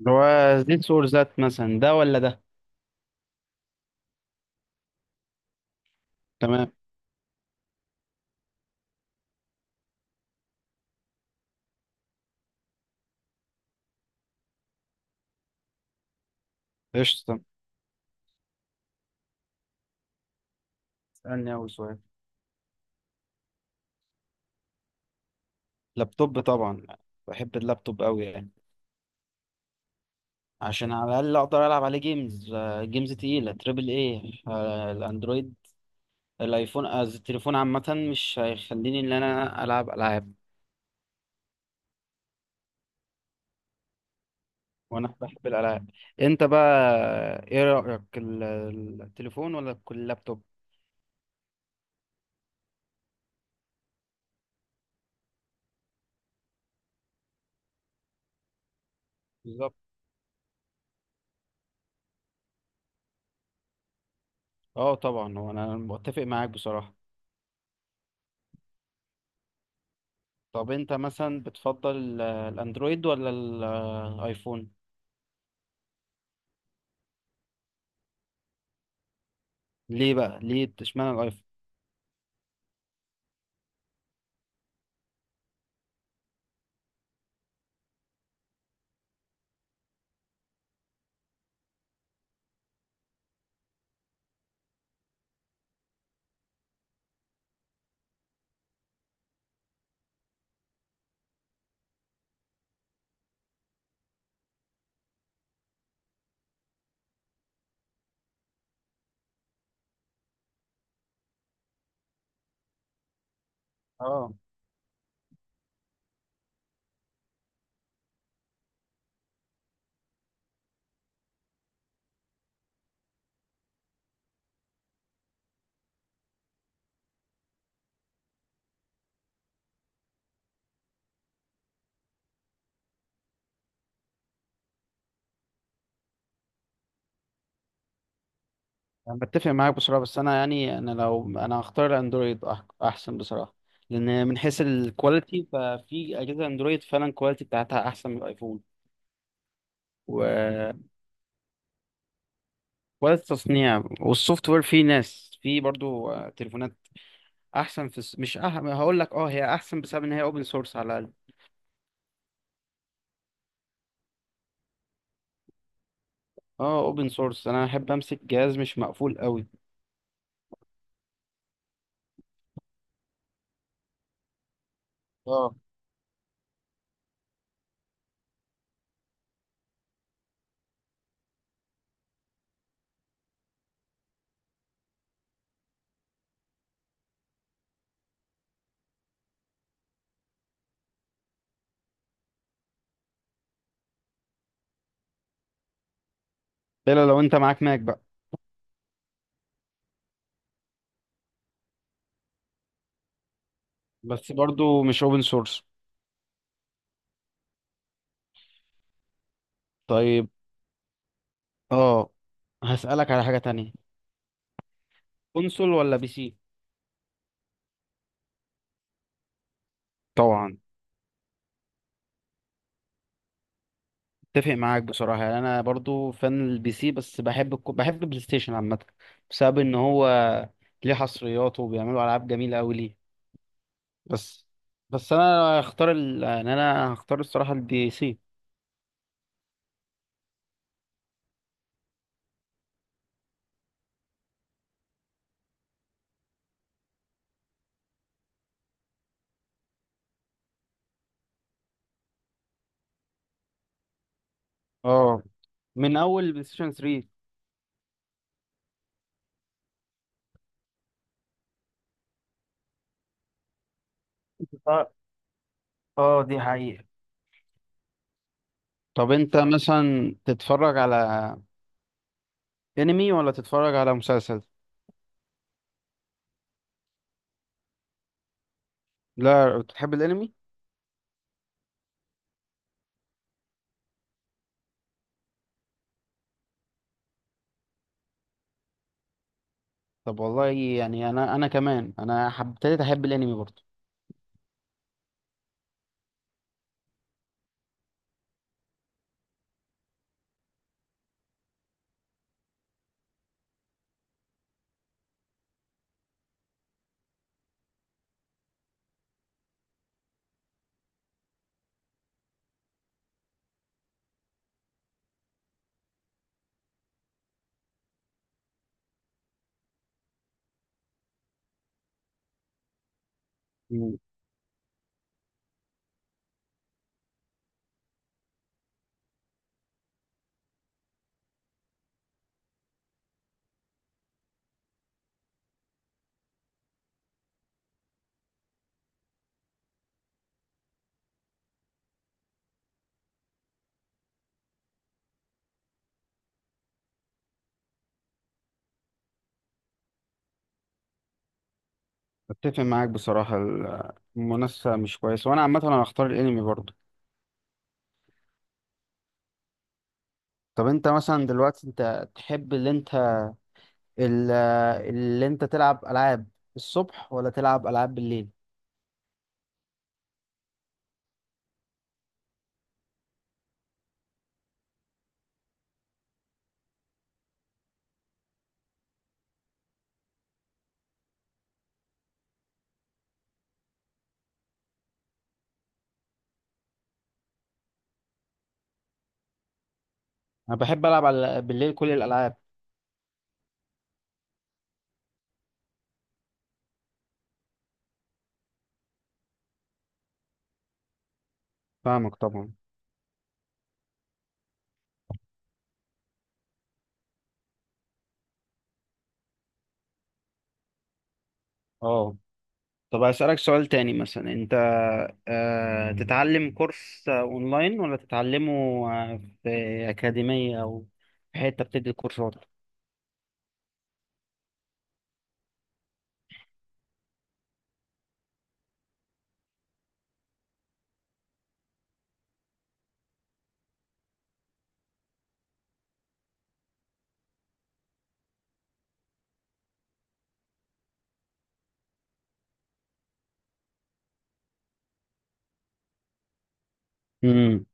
اللي هو ذيس اور ذات، مثلا ده ولا ده؟ تمام. قشطة. اسألني أول سؤال. لابتوب طبعا. بحب اللابتوب أوي يعني، عشان على الأقل أقدر ألعب عليه جيمز. جيمز تقيلة تريبل إيه. الأندرويد، الأيفون، التليفون عامة مش هيخليني إن أنا ألعب ألعاب. وأنا بحب الألعاب. أنت بقى، إيه رأيك؟ التليفون ولا كل اللابتوب؟ بالظبط. أه طبعا، هو أنا متفق معاك بصراحة. طب انت مثلا بتفضل الاندرويد ولا الايفون؟ ليه بقى؟ ليه اشمعنى الايفون؟ اه، انا بتفق معاك بصراحه، بس انا يعني انا لو انا هختار الاندرويد احسن بصراحه. لان من حيث الكواليتي، ففي اجهزه اندرويد فعلا الكواليتي بتاعتها احسن من الايفون. وكواليتي التصنيع والسوفت وير، في ناس في برضو تليفونات احسن في مش هقول لك، اه هي احسن بسبب ان هي اوبن سورس على الاقل. اه، اوبن سورس، انا احب امسك جهاز مش مقفول قوي. اه، الا لو انت معاك ماك بقى. بس برضو مش اوبن سورس. طيب. اه، هسألك على حاجة تانية. كونسول ولا بي سي؟ طبعا. اتفق معاك بصراحة يعني، انا برضو فان البي سي، بس بحب بحب البلاي ستيشن عامة، بسبب ان هو ليه حصريات وبيعملوا العاب جميلة قوي ليه. بس، بس انا هختار يعني انا هختار الصراحة البي سي. اه، من اول بلاي ستيشن 3. اه، اه، دي حقيقة. طب انت مثلا تتفرج على انمي ولا تتفرج على مسلسل؟ لا، بتحب الانمي؟ طب والله يعني، انا كمان انا ابتديت احب الانمي برضه. مم. اتفق معاك بصراحه، المنافسه مش كويسه، وانا عامه انا هختار الانمي برضه. طب انت مثلا دلوقتي، انت تحب اللي انت ال- اللي انت تلعب العاب الصبح ولا تلعب العاب بالليل؟ انا بحب العب على بالليل كل الالعاب. فاهمك طبعا. اه. طب أسألك سؤال تاني. مثلا أنت تتعلم كورس أونلاين، ولا تتعلمه في أكاديمية أو في حتة بتدي كورسات؟ امم.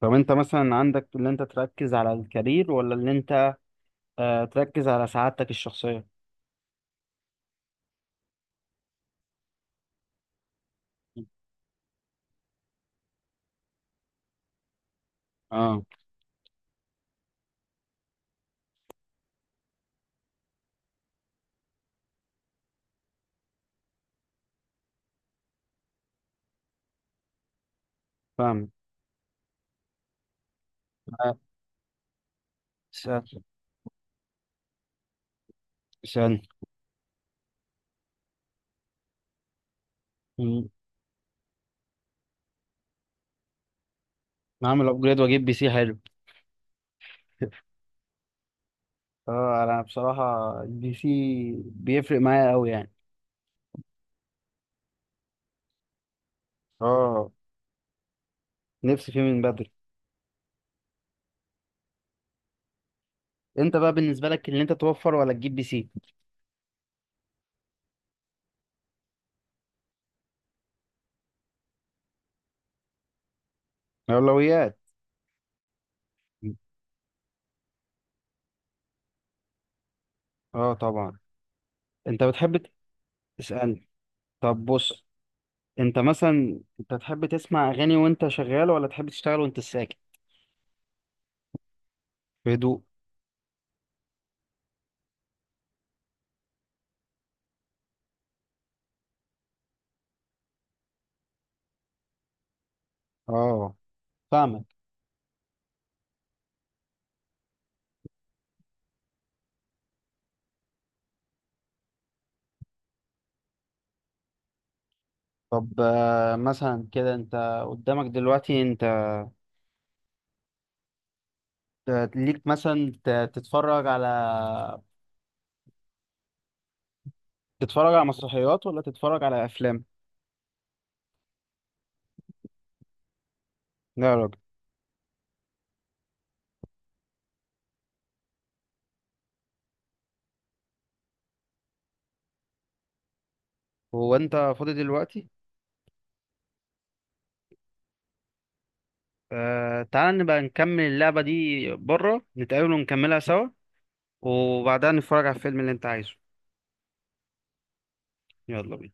طب أنت مثلا عندك، اللي أنت تركز على الكارير ولا اللي أنت تركز على سعادتك الشخصية؟ أه، فاهم. آه، اسأل- اسألني. مم. أعمل أبجريد وأجيب بي سي حلو. أه، أنا بصراحة البي سي بيفرق معايا أوي يعني. أه، نفسي فيه من بدري. أنت بقى، بالنسبة لك اللي أنت توفر ولا تجيب بي سي؟ الأولويات. اه طبعا. انت بتحب تسألني؟ طب بص، انت مثلا انت تحب تسمع اغاني وانت شغال، ولا تحب تشتغل وانت ساكت في هدوء؟ اه، فاهمك. طب مثلا كده، انت قدامك دلوقتي انت ليك مثلا، تتفرج على مسرحيات ولا تتفرج على افلام؟ لا يا راجل. هو انت فاضي دلوقتي؟ آه، تعال نبقى نكمل اللعبة دي بره، نتقابل ونكملها سوا، وبعدها نتفرج على الفيلم اللي انت عايزه. يلا بينا.